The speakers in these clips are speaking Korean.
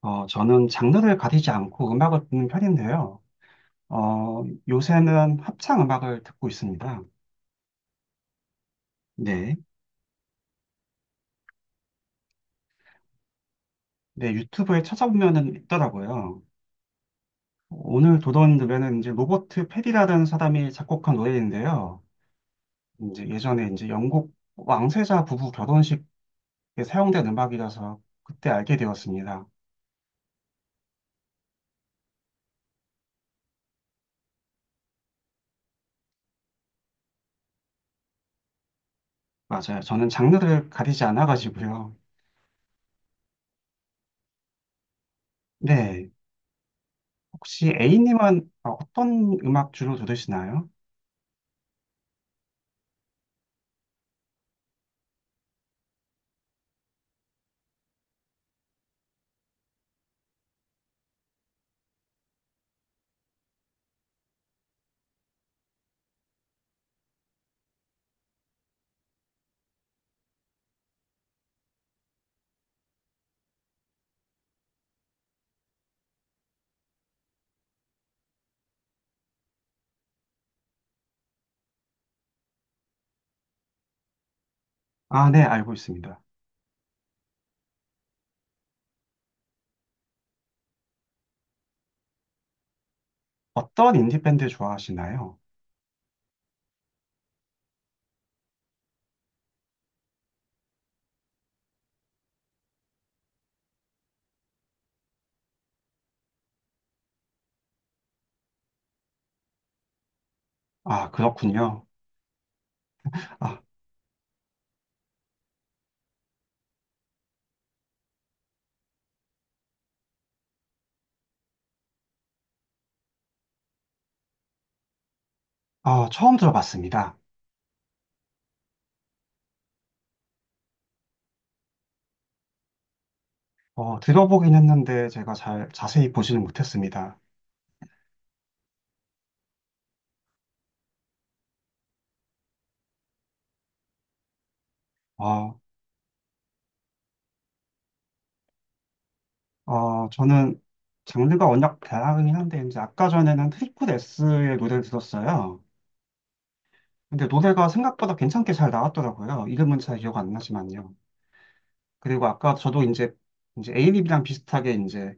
저는 장르를 가리지 않고 음악을 듣는 편인데요. 어, 요새는 합창 음악을 듣고 있습니다. 네. 네, 유튜브에 찾아보면은 있더라고요. 오늘 도전되면은 이제 로버트 페리라는 사람이 작곡한 노래인데요. 이제 예전에 이제 영국 왕세자 부부 결혼식에 사용된 음악이라서 그때 알게 되었습니다. 맞아요. 저는 장르를 가리지 않아가지고요. 네. 혹시 A님은 어떤 음악 주로 들으시나요? 아, 네, 알고 있습니다. 어떤 인디밴드 좋아하시나요? 아, 그렇군요. 아, 아, 처음 들어봤습니다. 들어보긴 했는데 제가 잘 자세히 보지는 못했습니다. 어, 저는 장르가 워낙 다양하긴 한데 이제 아까 전에는 트리플 S의 노래를 들었어요. 근데 노래가 생각보다 괜찮게 잘 나왔더라고요. 이름은 잘 기억 안 나지만요. 그리고 아까 저도 이제 에이립이랑 비슷하게 이제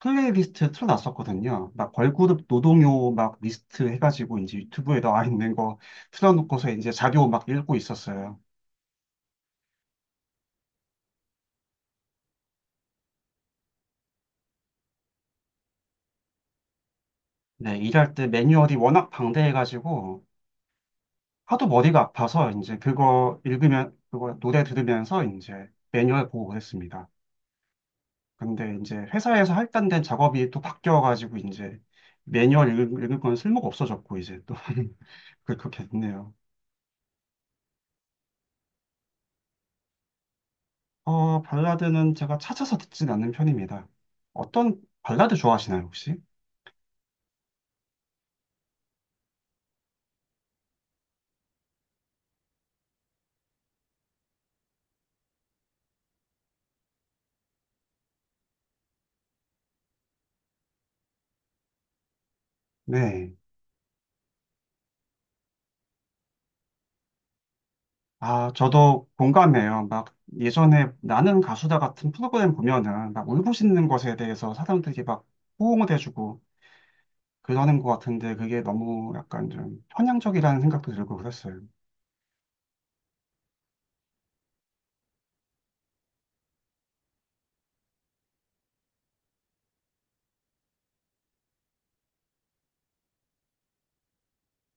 플레이리스트 틀어놨었거든요. 막 걸그룹 노동요 막 리스트 해가지고 이제 유튜브에 나와 있는 거 틀어놓고서 이제 자료 막 읽고 있었어요. 네, 일할 때 매뉴얼이 워낙 방대해가지고 하도 머리가 아파서 이제 그거 읽으면 그거 노래 들으면서 이제 매뉴얼 보고 그랬습니다. 근데 이제 회사에서 할당된 작업이 또 바뀌어가지고 이제 매뉴얼 읽을 건 쓸모가 없어졌고 이제 또 그렇게 됐네요. 발라드는 제가 찾아서 듣진 않는 편입니다. 어떤 발라드 좋아하시나요, 혹시? 네. 아, 저도 공감해요. 막 예전에 나는 가수다 같은 프로그램 보면은 막 울부짖는 것에 대해서 사람들이 막 호응을 해주고 그러는 것 같은데 그게 너무 약간 좀 편향적이라는 생각도 들고 그랬어요.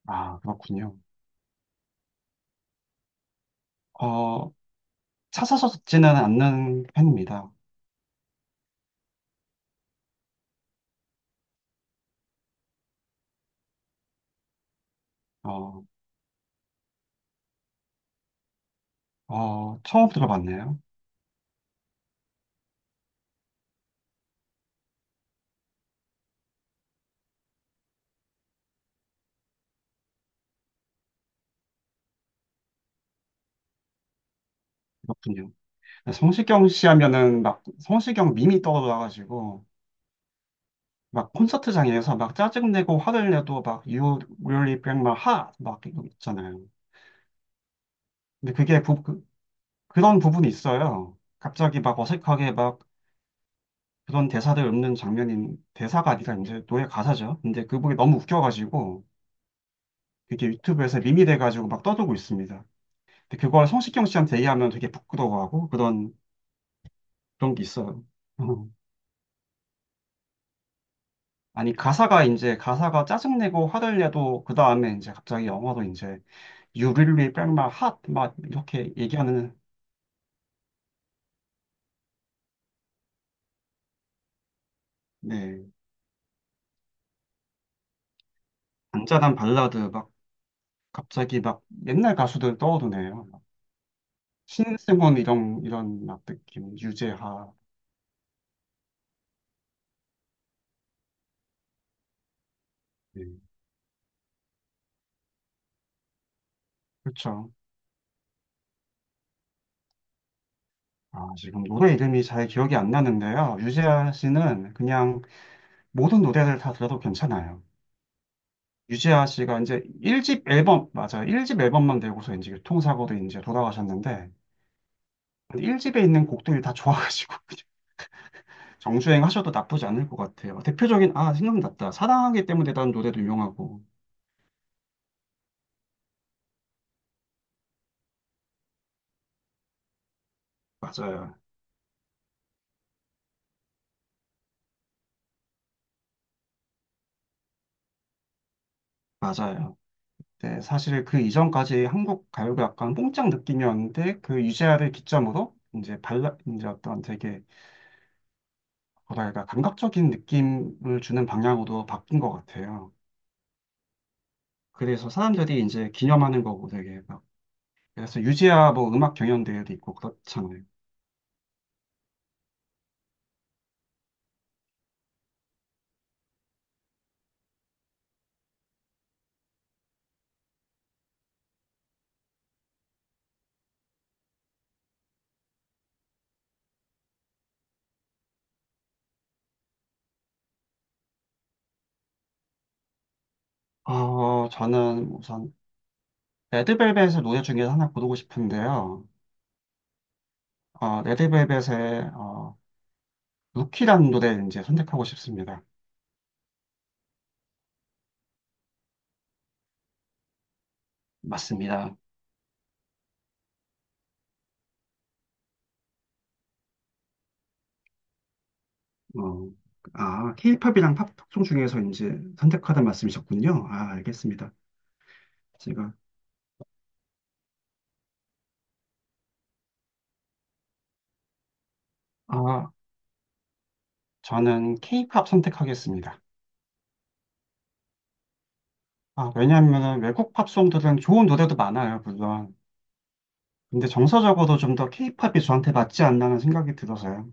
아, 그렇군요. 어, 찾아서 듣지는 않는 편입니다. 어, 처음 들어봤네요. 그렇군요. 성시경 씨 하면은 막 성시경 밈이 떠올라가지고 막 콘서트장에서 막 짜증내고 화를 내도 막 You really break my heart 막 이거 있잖아요. 근데 그게 그런 부분이 있어요. 갑자기 막 어색하게 막 그런 대사들 읊는 장면인 대사가 아니라 이제 노래 가사죠. 근데 그분이 너무 웃겨가지고 그게 유튜브에서 밈이 돼가지고 막 떠들고 있습니다. 근데 그걸 성시경 씨한테 얘기하면 되게 부끄러워하고 그런 게 있어요. 어. 아니 가사가 이제 가사가 짜증내고 화를 내도 그 다음에 이제 갑자기 영어로 이제 You really break my heart 막 이렇게 얘기하는 네 잔잔한 발라드 막 갑자기 막 옛날 가수들 떠오르네요. 신승훈 이런 막 느낌 유재하 네, 그렇죠. 아 지금 노래 이름이 잘 기억이 안 나는데요. 유재하 씨는 그냥 모든 노래를 다 들어도 괜찮아요. 유재하 씨가 이제 1집 앨범 맞아요. 일 집 앨범만 내고서 이제 교통사고로 이제 돌아가셨는데 근데 1집에 있는 곡들이 다 좋아가지고 그냥 정주행 하셔도 나쁘지 않을 것 같아요. 대표적인 아 생각났다. 사랑하기 때문에 라는 노래도 유명하고 맞아요. 맞아요. 네, 사실 그 이전까지 한국 가요가 약간 뽕짝 느낌이었는데 그 유재하를 기점으로 이제 발라 이제 어떤 되게 뭐랄까 감각적인 느낌을 주는 방향으로 바뀐 것 같아요. 그래서 사람들이 이제 기념하는 거고 되게 막 그래서 유재하 뭐 음악 경연대회도 있고 그렇잖아요. 저는 우선 레드벨벳의 노래 중에 하나 고르고 싶은데요. 레드벨벳의 루키라는 노래 이제 선택하고 싶습니다. 맞습니다. 어, 아, 케이팝이랑 팝송 중에서 이제 선택하다 말씀이셨군요. 아, 알겠습니다. 제가 아, 저는 케이팝 선택하겠습니다. 아, 왜냐하면 외국 팝송들은 좋은 노래도 많아요, 물론. 근데 정서적으로 좀 더 케이팝이 저한테 맞지 않나는 생각이 들어서요.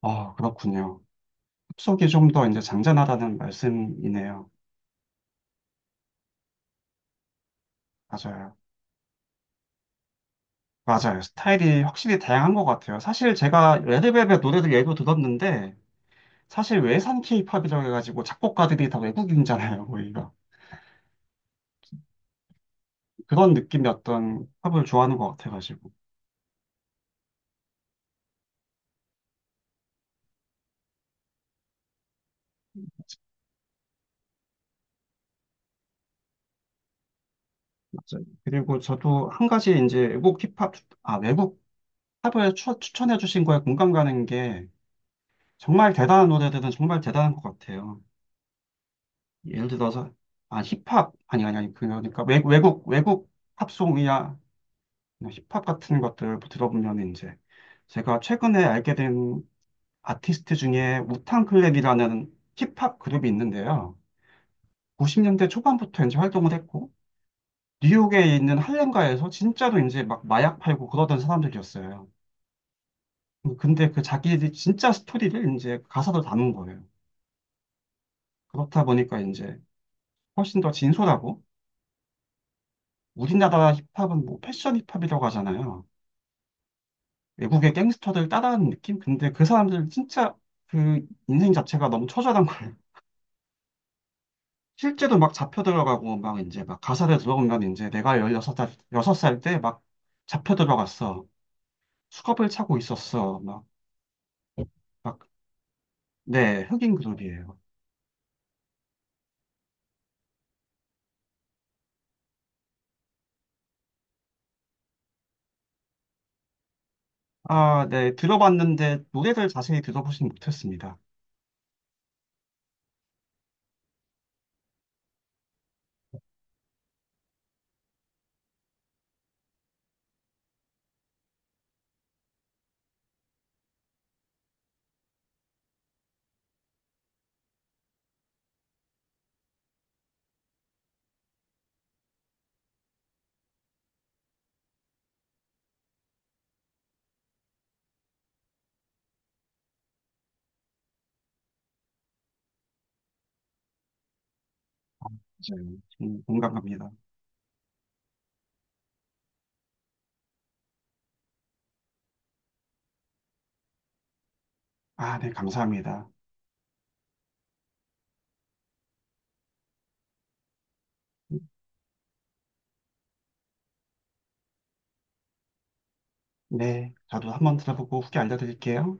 아, 그렇군요. 팝송이 좀 더 이제 잔잔하다는 말씀이네요. 맞아요. 맞아요. 스타일이 확실히 다양한 것 같아요. 사실 제가 레드벨벳 노래들 예로 들었는데, 사실 외산 케이팝이라고 해가지고 작곡가들이 다 외국인이잖아요, 거기가. 그런 느낌의 어떤 팝을 좋아하는 것 같아가지고. 맞아요. 그리고 저도 한 가지 이제 외국 힙합, 아, 외국 팝을 추천해 주신 거에 공감 가는 게 정말 대단한 노래들은 정말 대단한 것 같아요. 예를 들어서, 아, 힙합, 아니, 아니, 아니, 그러니까 외국 팝송이야. 뭐 힙합 같은 것들을 들어보면 이제 제가 최근에 알게 된 아티스트 중에 우탕 클랩이라는 힙합 그룹이 있는데요. 90년대 초반부터 이제 활동을 했고 뉴욕에 있는 할렘가에서 진짜로 이제 막 마약 팔고 그러던 사람들이었어요. 근데 그 자기들이 진짜 스토리를 이제 가사로 담은 거예요. 그렇다 보니까 이제 훨씬 더 진솔하고 우리나라 힙합은 뭐 패션 힙합이라고 하잖아요. 외국의 갱스터들 따라하는 느낌? 근데 그 사람들 진짜 그 인생 자체가 너무 처절한 거예요. 실제로 막 잡혀 들어가고 막 이제 막 가사를 들어보면 이제 내가 16살, 여섯 살 때 막 잡혀 들어갔어. 수갑을 차고 있었어. 막, 막, 네, 흑인 그룹이에요. 아, 네, 들어봤는데 노래를 자세히 들어보진 못했습니다. 맞아요. 공감합니다. 아, 네, 감사합니다. 네, 저도 한번 들어보고 후기 알려드릴게요.